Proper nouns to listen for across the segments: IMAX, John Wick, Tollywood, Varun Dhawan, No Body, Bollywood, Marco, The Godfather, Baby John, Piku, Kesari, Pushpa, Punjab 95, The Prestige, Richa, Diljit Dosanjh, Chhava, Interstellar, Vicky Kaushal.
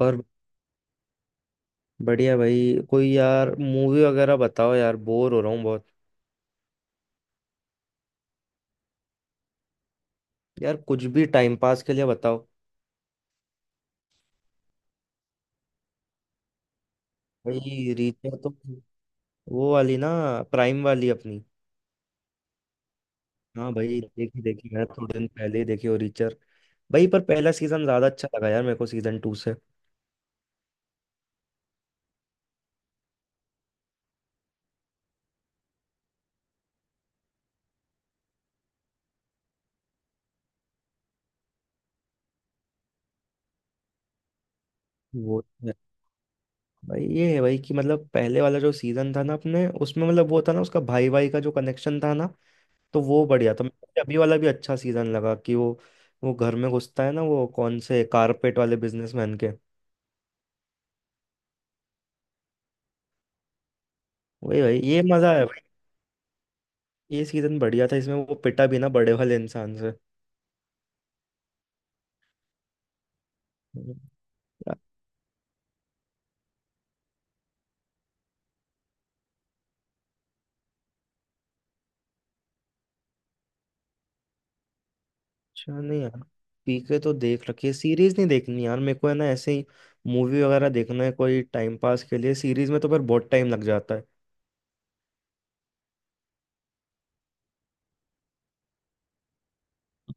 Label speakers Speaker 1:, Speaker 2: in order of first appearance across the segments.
Speaker 1: और बढ़िया भाई कोई यार मूवी वगैरह बताओ यार, बोर हो रहा हूँ बहुत। यार कुछ भी टाइम पास के लिए बताओ। भाई रीचा तो वो वाली ना, प्राइम वाली अपनी। हाँ भाई देखी देखी, मैं थोड़े दिन पहले ही देखी वो रीचर। भाई पर पहला सीजन ज्यादा अच्छा लगा यार मेरे को सीजन टू से। वो तो है। भाई ये है भाई कि मतलब पहले वाला जो सीजन था ना अपने, उसमें मतलब वो था ना उसका भाई भाई का जो कनेक्शन था ना, तो वो बढ़िया था। मुझे अभी वाला भी अच्छा सीजन लगा कि वो घर में घुसता है ना वो कौन से कारपेट वाले बिजनेसमैन के। वही भाई ये मजा है भाई। ये सीजन बढ़िया था, इसमें वो पिटा भी ना बड़े वाले इंसान से। अच्छा नहीं यार। पीके तो देख रखी है, सीरीज नहीं देखनी यार मेरे को, है ना। ऐसे ही मूवी वगैरह देखना है कोई टाइम पास के लिए, सीरीज में तो फिर बहुत टाइम लग जाता है।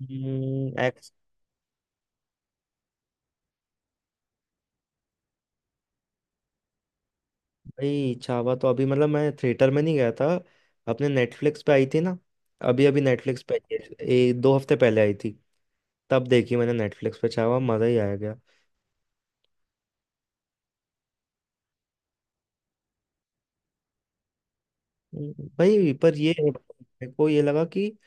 Speaker 1: एक्स। भाई छावा तो अभी मतलब मैं थिएटर में नहीं गया था, अपने नेटफ्लिक्स पे आई थी ना, अभी अभी नेटफ्लिक्स पे आई है, दो हफ्ते पहले आई थी। तब देखी मैंने नेटफ्लिक्स पे छावा, मजा ही आया गया। भाई पर ये मेरे को ये लगा कि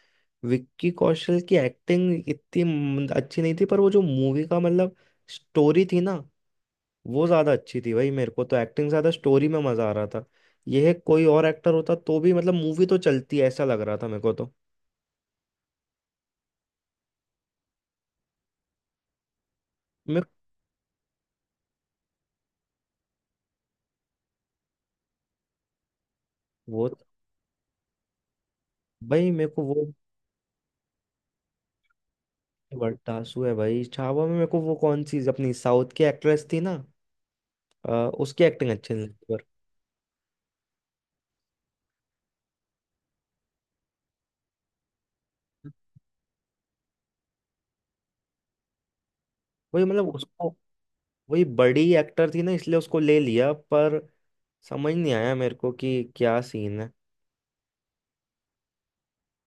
Speaker 1: विक्की कौशल की एक्टिंग इतनी अच्छी नहीं थी, पर वो जो मूवी का मतलब स्टोरी थी ना, वो ज्यादा अच्छी थी भाई मेरे को। तो एक्टिंग से ज्यादा स्टोरी में मजा आ रहा था। यह कोई और एक्टर होता तो भी मतलब मूवी तो चलती, ऐसा लग रहा था मेरे को तो। मैं वो तो, भाई मेरे को वो बड़ा आंसू है भाई, छावा में मेरे को वो कौन सी अपनी साउथ की एक्ट्रेस थी ना, अ, उसकी एक्टिंग अच्छी नहीं लगी, पर वही मतलब उसको, वही बड़ी एक्टर थी ना इसलिए उसको ले लिया। पर समझ नहीं आया मेरे को कि क्या सीन है।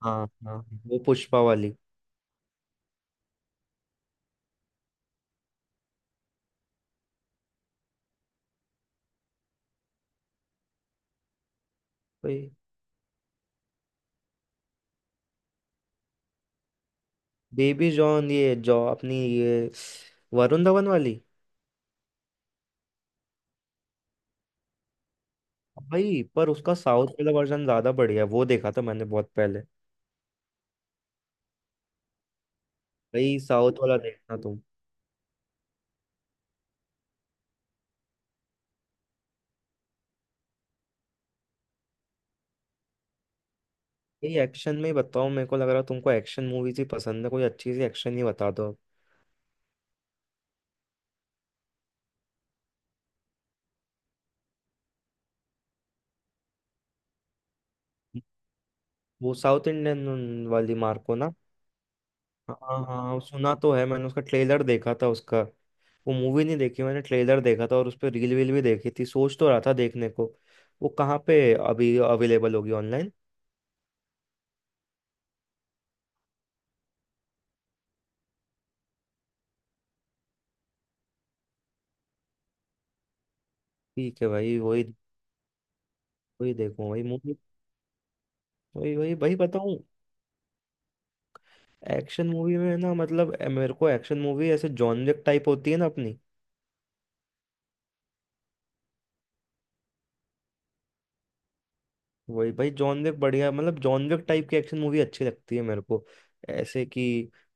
Speaker 1: हाँ हाँ, वो पुष्पा वाली। भाई बेबी जॉन, ये जॉ अपनी ये वरुण धवन वाली। भाई पर उसका साउथ वाला वर्जन ज्यादा बढ़िया है, वो देखा था मैंने बहुत पहले। भाई साउथ वाला देखना तुम। भाई एक्शन में ही बताओ, मेरे को लग रहा है तुमको एक्शन मूवीज ही पसंद है, कोई अच्छी सी एक्शन ही बता दो। वो साउथ इंडियन वाली मार्को ना। हाँ हाँ हाँ, सुना तो है मैंने, उसका ट्रेलर देखा था उसका। वो मूवी नहीं देखी मैंने, ट्रेलर देखा था और उस पर रील वील भी देखी थी, सोच तो रहा था देखने को। वो कहाँ पे अभी अवेलेबल होगी ऑनलाइन। ठीक है भाई, वही वही देखूँ वही मूवी, वही वही वही बताऊँ। एक्शन मूवी में ना, मतलब मेरे को एक्शन मूवी ऐसे जॉन विक टाइप होती है ना अपनी। वही भाई, जॉन विक बढ़िया, मतलब जॉन विक टाइप की एक्शन मूवी अच्छी लगती है मेरे को। ऐसे कि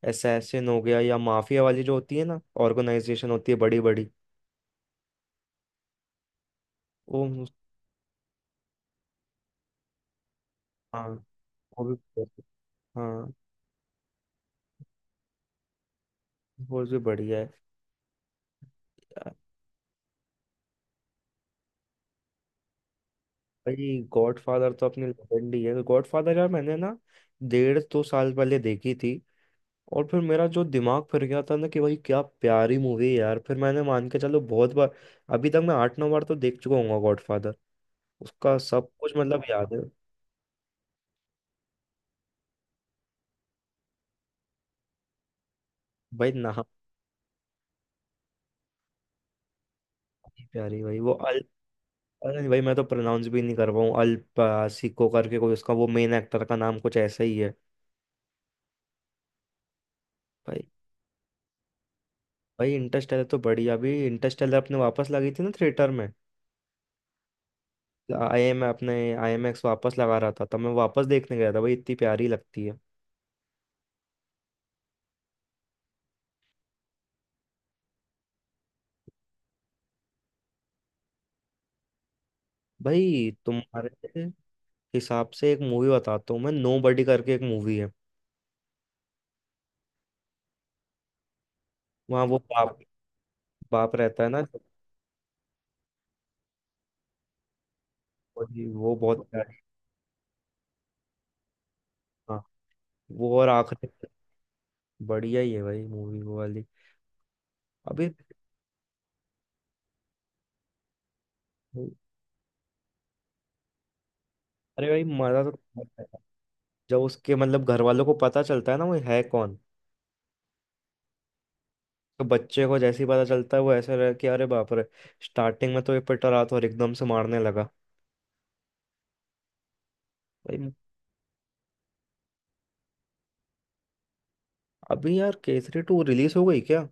Speaker 1: असैसिन हो गया या माफिया वाली जो होती है ना, ऑर्गेनाइजेशन होती है बड़ी बड़ी। वो हाँ, वो भी। हाँ, वो भी बढ़िया है। भाई गॉडफादर तो अपनी लेजेंड ही है, तो गॉडफादर यार मैंने ना 1.5-2 साल पहले देखी थी। और फिर मेरा जो दिमाग फिर गया था ना कि भाई क्या प्यारी मूवी है यार, फिर मैंने मान के चलो बहुत बार, अभी तक मैं 8-9 बार तो देख चुका हूँ गॉडफादर, उसका सब कुछ मतलब याद है। भाई नहा, प्यारी भाई वो अल, अरे भाई मैं तो प्रोनाउंस भी नहीं कर पाऊँ, अल सिको करके कोई उसका वो मेन एक्टर का नाम कुछ ऐसा ही है। भाई, भाई इंटरस्टेलर तो बढ़िया, अभी इंटरस्टेलर अपने वापस लगी थी ना थिएटर में। आई एम अपने IMAX वापस लगा रहा था, तब मैं वापस देखने गया था भाई, इतनी प्यारी लगती है। भाई तुम्हारे हिसाब से एक मूवी बताता हूँ मैं, नो बडी करके एक मूवी है। वहाँ वो बाप बाप रहता है ना। वो जी, वो बहुत प्यारी। हाँ, वो और आखिरी बढ़िया ही है भाई मूवी वो वाली। अभी अरे भाई मजा तो बहुत आया। जब उसके मतलब घर वालों को पता चलता है ना वो है कौन, तो बच्चे को जैसे ही पता चलता है वो ऐसे रह कि अरे बाप रे, स्टार्टिंग में तो ये पिट रहा था और एकदम से मारने लगा। भाई, अभी यार केसरी टू रिलीज हो गई क्या?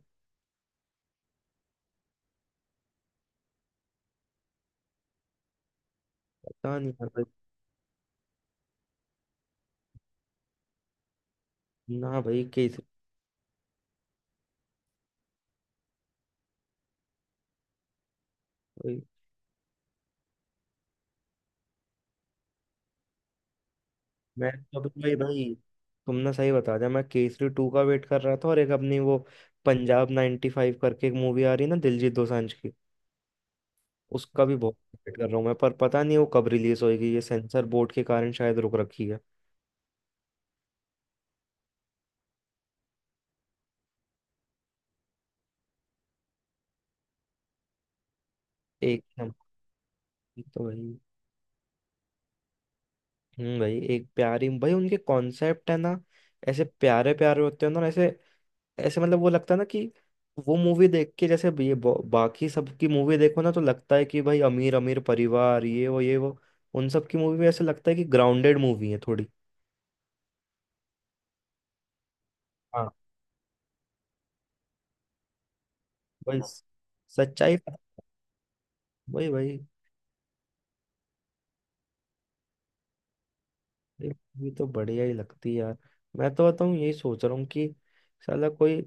Speaker 1: पता नहीं यार भाई। ना भाई केसरी। भाई मैं तो अभी, भाई भाई तुमने सही बता दिया, मैं केसरी टू का वेट कर रहा था, और एक अपनी वो पंजाब 95 फाइव करके एक मूवी आ रही है ना दिलजीत दोसांझ की। उसका भी बहुत वेट कर रहा हूँ मैं, पर पता नहीं वो कब रिलीज होएगी, ये सेंसर बोर्ड के कारण शायद रुक रखी है। एक नंबर की तो भाई, भाई एक प्यारी भाई उनके कॉन्सेप्ट है ना, ऐसे प्यारे प्यारे होते हैं ना ऐसे। ऐसे मतलब वो लगता है ना कि वो मूवी देख के जैसे ये बाकी सबकी मूवी देखो ना तो लगता है कि भाई अमीर अमीर परिवार ये वो ये वो। उन सब की मूवी में ऐसे लगता है कि ग्राउंडेड मूवी है थोड़ी। हाँ भाई सच्चाई, वही भाई। ये मूवी तो बढ़िया ही लगती है यार। मैं तो बताऊँ यही सोच रहा हूँ कि साला कोई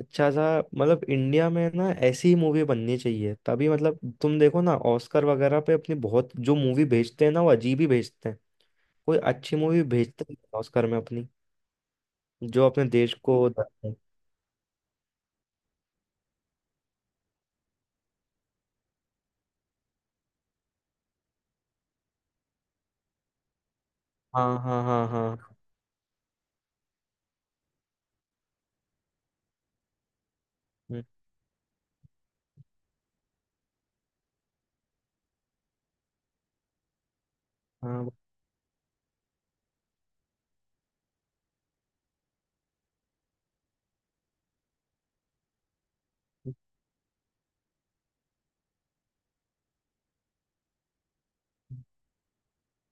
Speaker 1: अच्छा सा, मतलब इंडिया में ना ऐसी ही मूवी बननी चाहिए तभी। मतलब तुम देखो ना, ऑस्कर वगैरह पे अपनी बहुत जो मूवी भेजते हैं ना वो अजीब ही भेजते हैं। कोई अच्छी मूवी भेजते हैं ऑस्कर में अपनी, जो अपने देश को। हाँ हाँ हाँ हाँ। हम्म, हाँ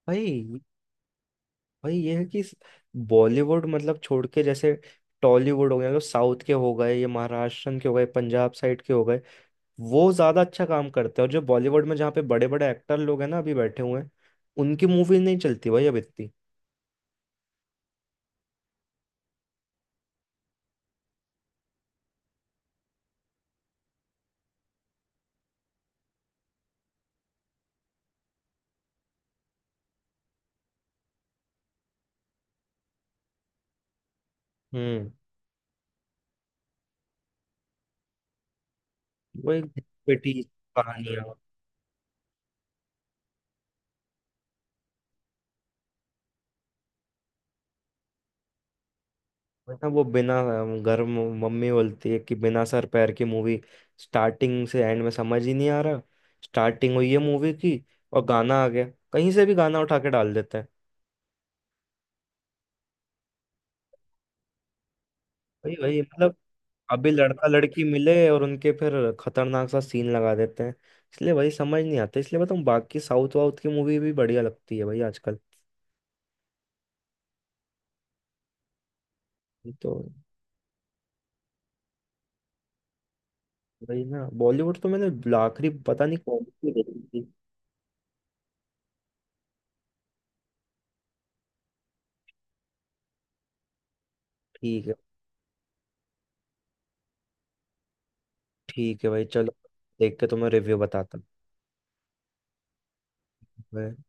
Speaker 1: भाई। भाई ये है कि बॉलीवुड मतलब छोड़ के जैसे टॉलीवुड हो गया, जो साउथ के हो गए, ये महाराष्ट्रन के हो गए, पंजाब साइड के हो गए, वो ज़्यादा अच्छा काम करते हैं। और जो बॉलीवुड में जहाँ पे बड़े बड़े एक्टर लोग हैं ना अभी बैठे हुए हैं, उनकी मूवी नहीं चलती भाई अब इतनी। हम्म वही बेटी कहानियाँ। वरना वो बिना घर मम्मी बोलती है कि बिना सर पैर की मूवी, स्टार्टिंग से एंड में समझ ही नहीं आ रहा। स्टार्टिंग हुई है मूवी की और गाना आ गया, कहीं से भी गाना उठा के डाल देते हैं। वही वही मतलब अभी लड़का लड़की मिले और उनके फिर खतरनाक सा सीन लगा देते हैं। इसलिए वही समझ नहीं आता, इसलिए बताऊँ, बाकी साउथ वाउथ की मूवी भी बढ़िया लगती है भाई आजकल। ये तो वही ना, बॉलीवुड तो मैंने आखिरी पता नहीं कौन सी देखी थी। ठीक है। ठीक है भाई चलो, देख के तुम्हें रिव्यू बताता हूँ मैं।